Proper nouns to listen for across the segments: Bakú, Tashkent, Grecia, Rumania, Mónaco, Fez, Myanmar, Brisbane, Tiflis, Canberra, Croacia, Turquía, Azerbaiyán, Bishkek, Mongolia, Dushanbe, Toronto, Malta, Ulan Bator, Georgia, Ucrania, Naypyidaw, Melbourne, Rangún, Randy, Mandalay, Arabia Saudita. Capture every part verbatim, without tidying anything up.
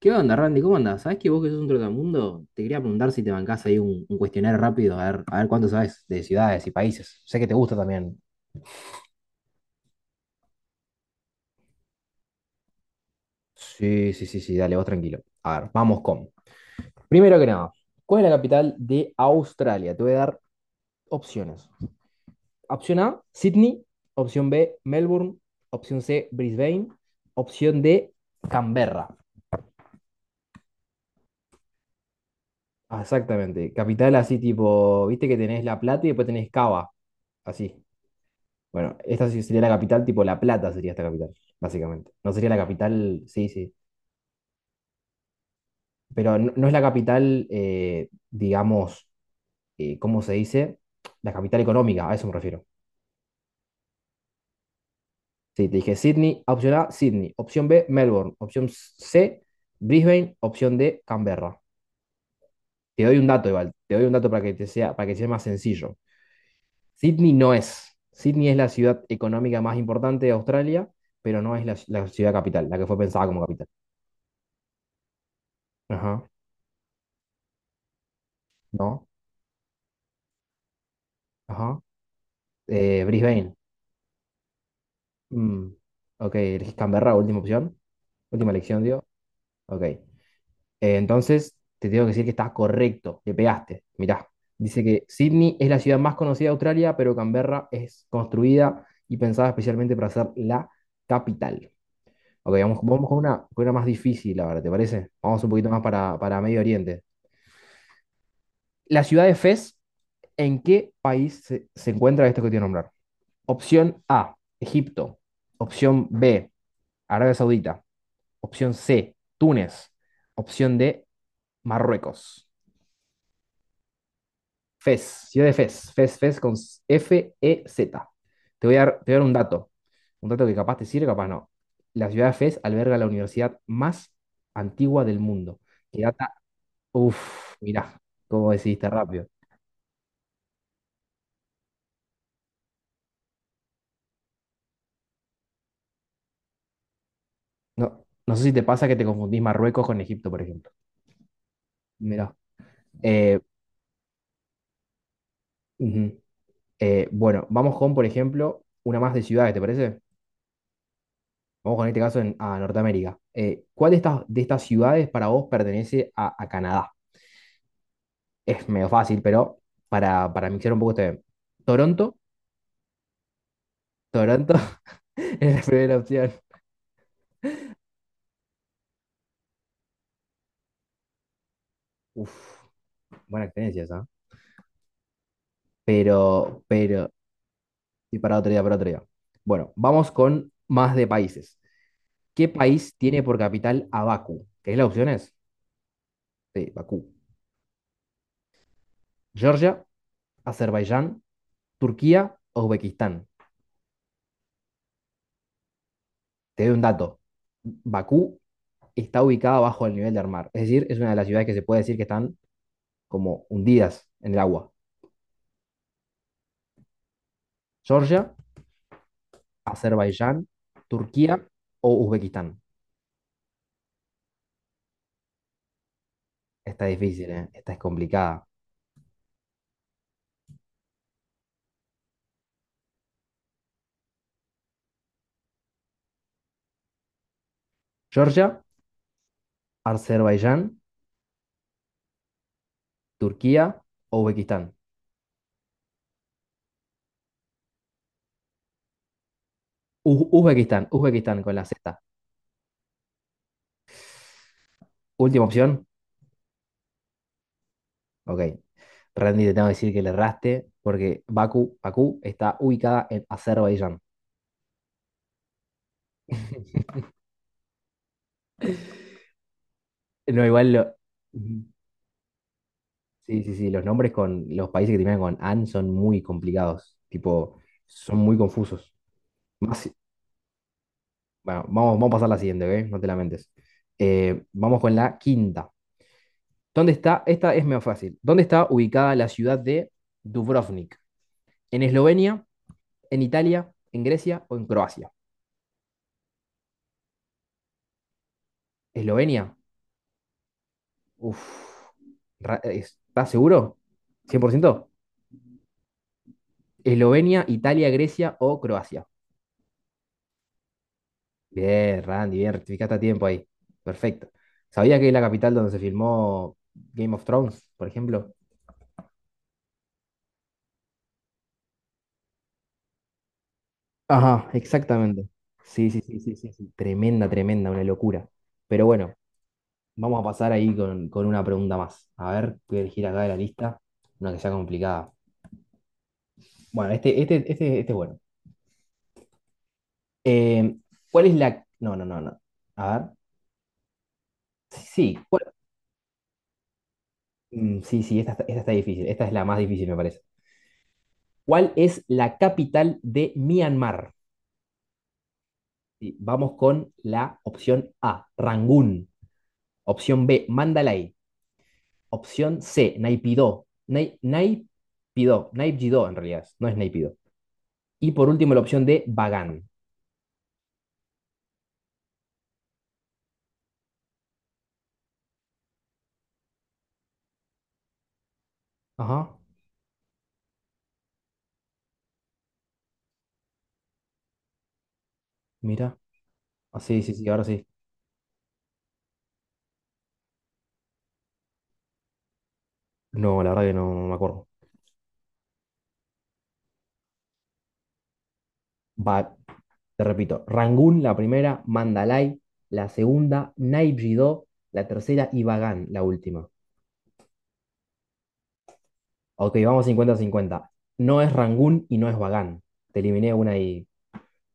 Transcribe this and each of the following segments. ¿Qué onda, Randy? ¿Cómo andás? ¿Sabés que vos que sos un trotamundo? Te quería preguntar si te bancás ahí un, un cuestionario rápido, a ver, a ver cuánto sabes de ciudades y países. Sé que te gusta también. Sí, sí, sí, sí, dale, vos tranquilo. A ver, vamos con. Primero que nada, ¿cuál es la capital de Australia? Te voy a dar opciones. Opción A, Sydney. Opción B, Melbourne. Opción C, Brisbane. Opción D, Canberra. Ah, exactamente. Capital así tipo, viste que tenés La Plata y después tenés Cava. Así. Bueno, esta sí sería la capital, tipo La Plata sería esta capital, básicamente. No sería la capital, sí, sí. Pero no, no es la capital, eh, digamos, eh, ¿cómo se dice? La capital económica, a eso me refiero. Sí, te dije Sydney, opción A, Sydney. Opción B, Melbourne. Opción C, Brisbane. Opción D, Canberra. Te doy un dato, igual, te doy un dato para que te sea, para que sea más sencillo. Sydney no es. Sydney es la ciudad económica más importante de Australia, pero no es la, la ciudad capital, la que fue pensada como capital. Ajá, no, ajá. Eh, Brisbane. Mm, ok, elegís Canberra, última opción. Última elección, digo. Ok. Eh, entonces, te tengo que decir que estás correcto. Le pegaste. Mirá. Dice que Sydney es la ciudad más conocida de Australia, pero Canberra es construida y pensada especialmente para ser la capital. Ok, vamos, vamos con una, con una más difícil ahora, ¿te parece? Vamos un poquito más para, para Medio Oriente. La ciudad de Fez, ¿en qué país se, se encuentra esto que te voy a nombrar? Opción A, Egipto. Opción B, Arabia Saudita. Opción C, Túnez. Opción D, Marruecos. Fez, ciudad de Fez. Fez, Fez con F E Z. Te voy a dar, te voy a dar un dato. Un dato que capaz te sirve, capaz no. La ciudad de Fez alberga la universidad más antigua del mundo. Que data. Uf, mirá, cómo decidiste rápido. No, no sé si te pasa que te confundís Marruecos con Egipto, por ejemplo. Mirá. Eh, ujú. Eh, bueno, vamos con, por ejemplo, una más de ciudades, ¿te parece? Vamos con este caso en, a Norteamérica. Eh, ¿cuál de estas, de estas ciudades para vos pertenece a, a Canadá? Es medio fácil, pero para, para mixar un poco este. Toronto, Toronto es la primera opción. Uf, buena experiencia esa. ¿Eh? Pero, pero, y para otro día, para otro día. Bueno, vamos con más de países. ¿Qué país tiene por capital a Bakú? ¿Querés las opciones? Sí, Bakú. Georgia, Azerbaiyán, Turquía, Uzbekistán. Te doy un dato. Bakú está ubicada bajo el nivel del mar. Es decir, es una de las ciudades que se puede decir que están como hundidas en el agua. Georgia, Azerbaiyán, Turquía o Uzbekistán. Esta es difícil, ¿eh? Esta es complicada. Georgia, Azerbaiyán, Turquía o Uzbekistán. U- Uzbekistán, Uzbekistán con la Z. Última opción. Ok. Randy, te tengo que decir que le erraste porque Bakú, Bakú está ubicada en Azerbaiyán. No, igual lo... Ujú. Sí, sí, sí, los nombres con los países que terminan con A N son muy complicados, tipo, son muy confusos. Más si- bueno, vamos, vamos a pasar a la siguiente, ¿ok? No te lamentes. Eh, vamos con la quinta. ¿Dónde está? Esta es medio fácil. ¿Dónde está ubicada la ciudad de Dubrovnik? ¿En Eslovenia? ¿En Italia? ¿En Grecia o en Croacia? ¿Eslovenia? Uf. Ra- ¿Estás seguro? ¿Cien por ciento? ¿Eslovenia, Italia, Grecia o Croacia? Bien, Randy, bien, rectificaste a tiempo ahí. Perfecto. ¿Sabía que es la capital donde se filmó Game of Thrones, por ejemplo? Ajá, exactamente. Sí, sí, sí, sí, sí, sí. Tremenda, tremenda, una locura. Pero bueno, vamos a pasar ahí con, con una pregunta más. A ver, voy a elegir acá de la lista una que sea complicada. Bueno, este, este, este, este es bueno. Eh, ¿cuál es la...? No, no, no, no. A ver. Sí, sí. ¿cuál- Mm, sí, sí, esta, está- esta está difícil. Esta es la más difícil, me parece. ¿Cuál es la capital de Myanmar? Y vamos con la opción A, Rangún. Opción B, Mandalay. Opción C, Naipidó. Nai- Naipidó, Naipjidó en realidad, no es Naipidó. Y por último la opción D, Bagán. Ajá, mira. Ah, sí, sí, sí, ahora sí. No, la verdad que no, no me acuerdo. Ba- te repito, Rangún la primera, Mandalay la segunda, Naipjidó la tercera y Bagán la última. Ok, vamos 50 cincuenta. No es Rangún y no es Bagán. Te eliminé una y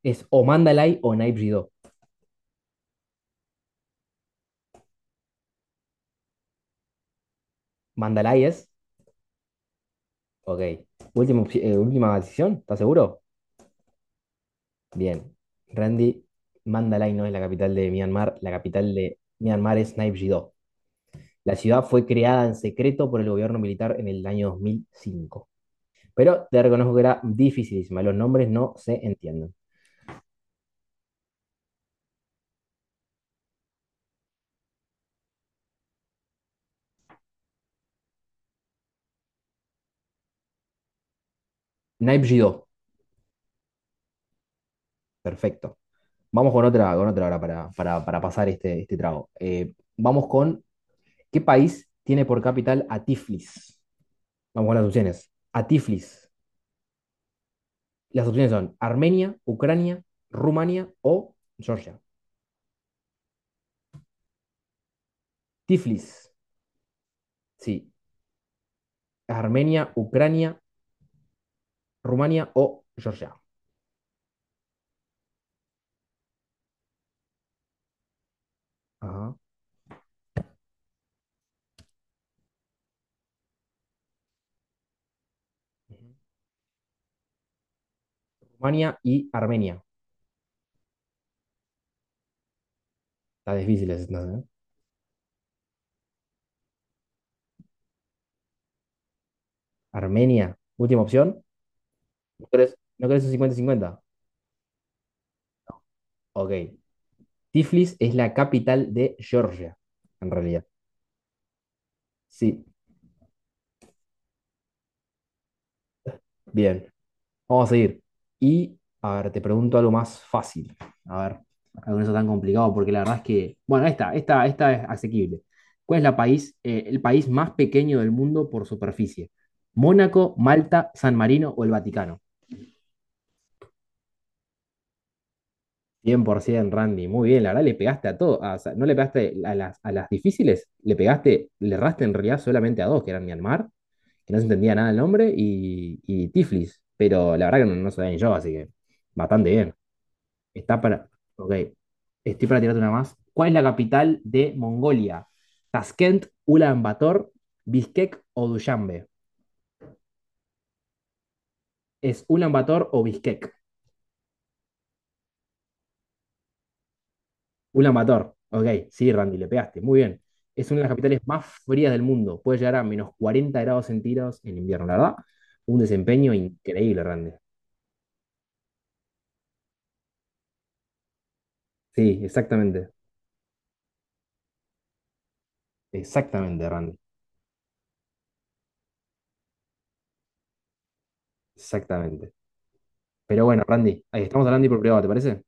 es o Mandalay o Naipjidó. Mandalay es. Ok. Última, opci- eh, última decisión, ¿estás seguro? Bien. Randy, Mandalay no es la capital de Myanmar. La capital de Myanmar es Naypyidaw. La ciudad fue creada en secreto por el gobierno militar en el año dos mil cinco. Pero te reconozco que era dificilísima. Los nombres no se entienden. Naypyidaw. Perfecto. Vamos con otra, con otra ahora para, para, para pasar este, este trago. Eh, vamos con, ¿qué país tiene por capital a Tiflis? Vamos con las opciones. A Tiflis. Las opciones son Armenia, Ucrania, Rumania o Georgia. Tiflis, sí. Armenia, Ucrania, Rumania o Georgia. Ajá. Rumania y Armenia. Está difícil es, no sé. Armenia, última opción. ¿No crees, no crees un cincuenta-cincuenta? Ok. Tiflis es la capital de Georgia, en realidad. Sí, bien. Vamos a seguir. Y, a ver, te pregunto algo más fácil. A ver, acá con eso tan complicado, porque la verdad es que, bueno, esta, esta, esta es asequible. ¿Cuál es la país, eh, el país más pequeño del mundo por superficie? ¿Mónaco, Malta, San Marino o el Vaticano? cien por ciento, Randy. Muy bien, la verdad le pegaste a todo. A- o sea, no le pegaste a las, a las difíciles, le pegaste, le erraste en realidad solamente a dos, que eran Myanmar, que no se entendía nada el nombre, y, y Tiflis. Pero la verdad que no, no sabía ni yo, así que bastante bien. Está para. Ok. Estoy para tirarte una más. ¿Cuál es la capital de Mongolia? ¿Tashkent, Ulan Bator, Bishkek o Dushanbe? ¿Es Ulan Bator o Bishkek? Ulan Bator. Ok, sí, Randy, le pegaste. Muy bien. Es una de las capitales más frías del mundo. Puede llegar a menos cuarenta grados centígrados en invierno, la verdad. Un desempeño increíble, Randy. Sí, exactamente. Exactamente, Randy. Exactamente. Pero bueno, Randy, ahí estamos hablando y por privado, ¿te parece?